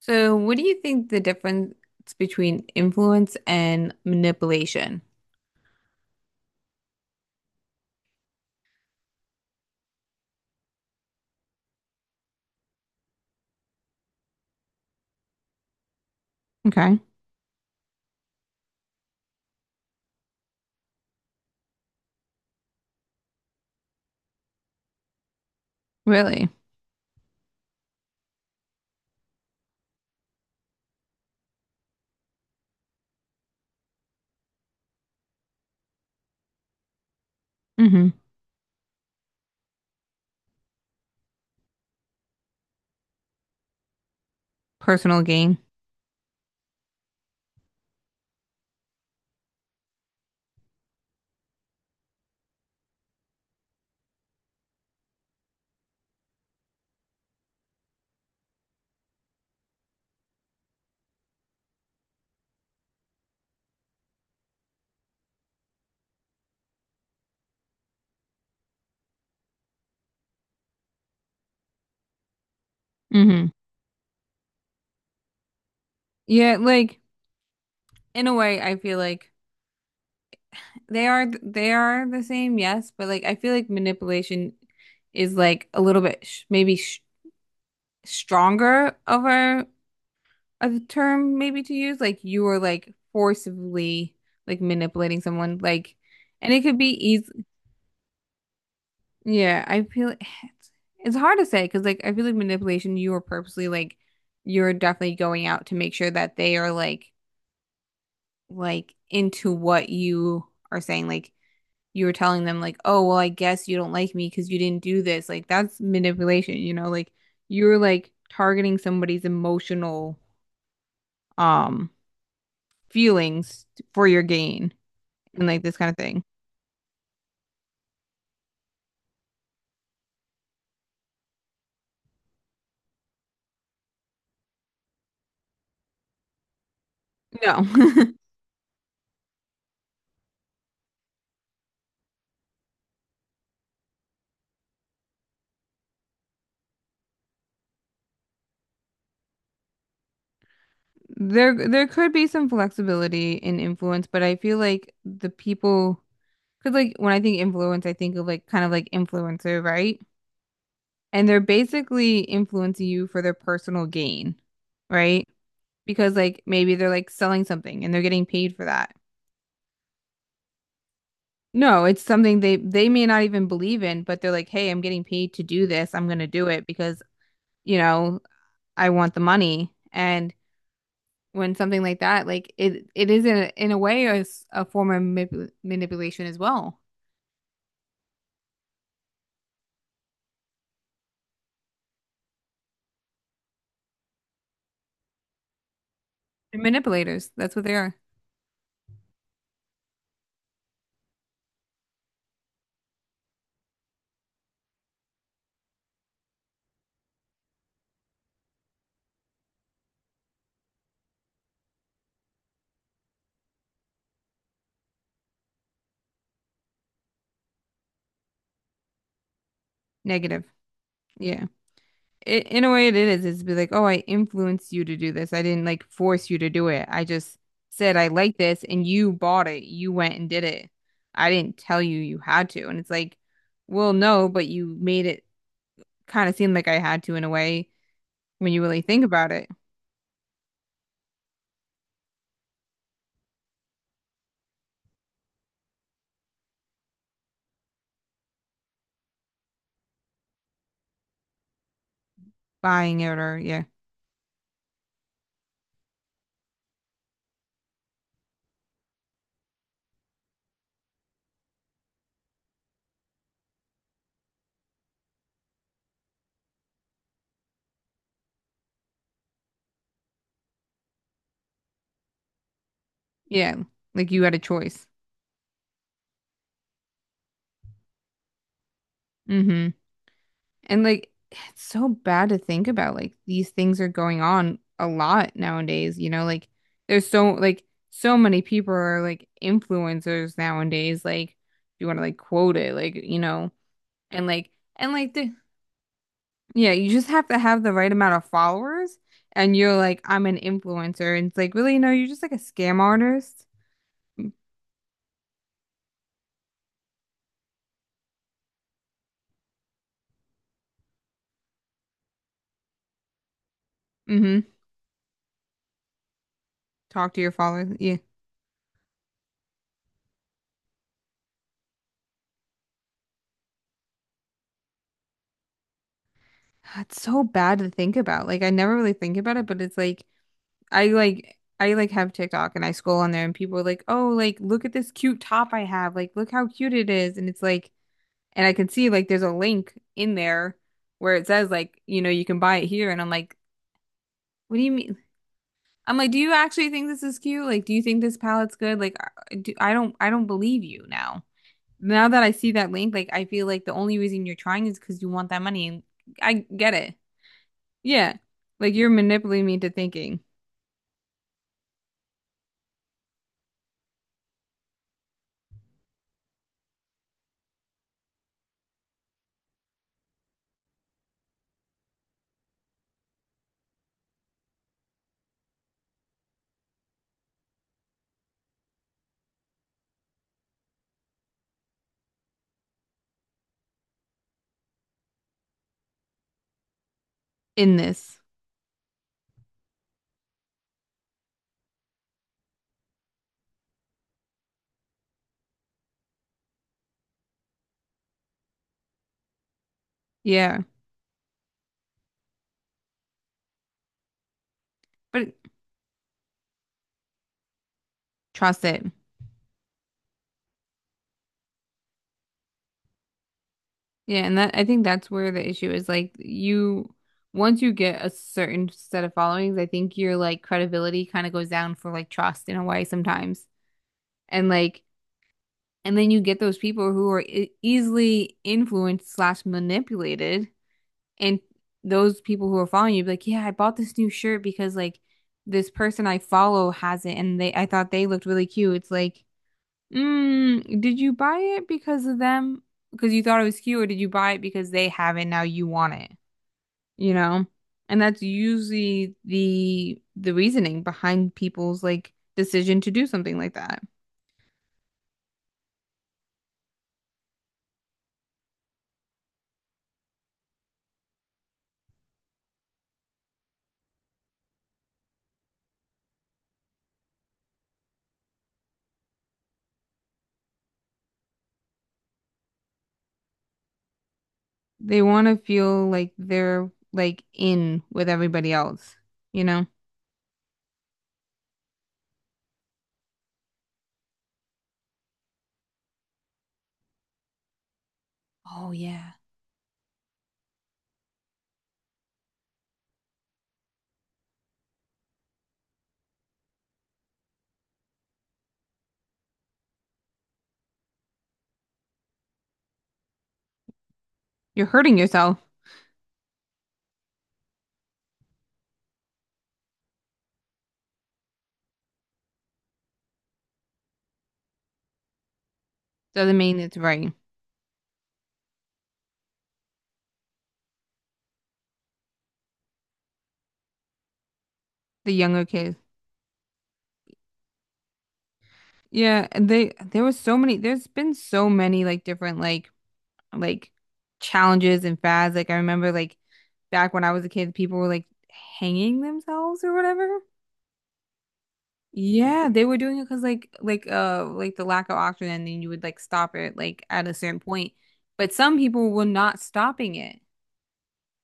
So, what do you think the difference between influence and manipulation? Okay. Really? Mm-hmm. Personal gain. Mm-hmm. Yeah, like in a way, I feel like they are the same, yes, but like I feel like manipulation is like a little bit sh maybe sh stronger of a term maybe to use. Like you are like forcibly like manipulating someone, like, and it could be easy. Yeah, I feel it's hard to say because like I feel like manipulation, you are purposely like you're definitely going out to make sure that they are like into what you are saying. Like you were telling them like, oh well, I guess you don't like me because you didn't do this. Like that's manipulation, you know? Like you're like targeting somebody's emotional um feelings for your gain and like this kind of thing. No. There could be some flexibility in influence, but I feel like the people because like when I think influence, I think of like kind of like influencer, right? And they're basically influencing you for their personal gain, right? Because like maybe they're like selling something and they're getting paid for that. No, it's something they may not even believe in, but they're like, "Hey, I'm getting paid to do this. I'm gonna do it because, you know, I want the money." And when something like that, like it is in a way a form of manip manipulation as well. They're manipulators. That's what they are. Negative. Yeah. In a way, it is. It's be like, oh, I influenced you to do this. I didn't like force you to do it. I just said I like this, and you bought it. You went and did it. I didn't tell you you had to. And it's like, well, no, but you made it kind of seem like I had to in a way when you really think about it, buying it or yeah, yeah, like you had a choice. Hmm. And like it's so bad to think about like these things are going on a lot nowadays, you know, like there's so like so many people are like influencers nowadays, like you want to like quote it, like you know, and like and like the yeah, you just have to have the right amount of followers and you're like I'm an influencer and it's like really no, you're just like a scam artist. Mm-hmm. Talk to your followers. Yeah. It's so bad to think about. Like I never really think about it, but it's like I like I have TikTok and I scroll on there and people are like, "Oh, like look at this cute top I have. Like look how cute it is." And it's like and I can see like there's a link in there where it says like, you know, you can buy it here and I'm like, "What do you mean?" I'm like, "Do you actually think this is cute? Like do you think this palette's good? Like I don't believe you now." Now that I see that link, like I feel like the only reason you're trying is because you want that money and I get it. Yeah. Like you're manipulating me to thinking in this. Yeah. But trust it. Yeah, and that I think that's where the issue is. Like you, once you get a certain set of followings, I think your like credibility kind of goes down for like trust in a way sometimes. And like, and then you get those people who are e easily influenced slash manipulated, and those people who are following you be like, yeah, I bought this new shirt because like this person I follow has it, and they I thought they looked really cute. It's like. Mm, did you buy it because of them? Because you thought it was cute, or did you buy it because they have it now you want it? You know? And that's usually the reasoning behind people's like decision to do something like that. They want to feel like they're like in with everybody else, you know? Oh yeah. You're hurting yourself. Doesn't mean it's right. The younger kids. Yeah, and they there was so many there's been so many like different like challenges and fads. Like I remember like back when I was a kid, people were like hanging themselves or whatever. Yeah, they were doing it because like the lack of oxygen, and then you would like stop it like at a certain point. But some people were not stopping it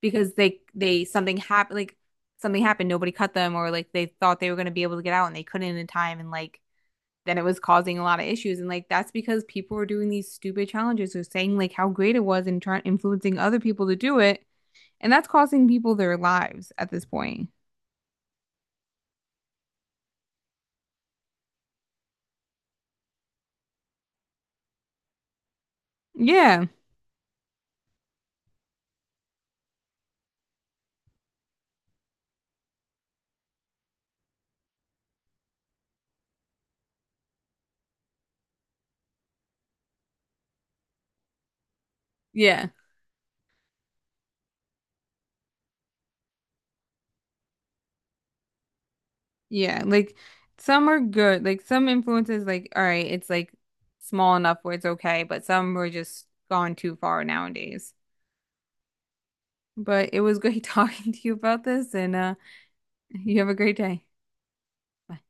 because they something happened like something happened, nobody cut them, or like they thought they were gonna be able to get out and they couldn't in time, and like then it was causing a lot of issues. And like that's because people were doing these stupid challenges or saying like how great it was and trying influencing other people to do it and that's costing people their lives at this point. Yeah. Yeah. Yeah. Like some are good. Like some influences, like, all right, it's like small enough where it's okay, but some are just gone too far nowadays. But it was great talking to you about this, and you have a great day. Bye.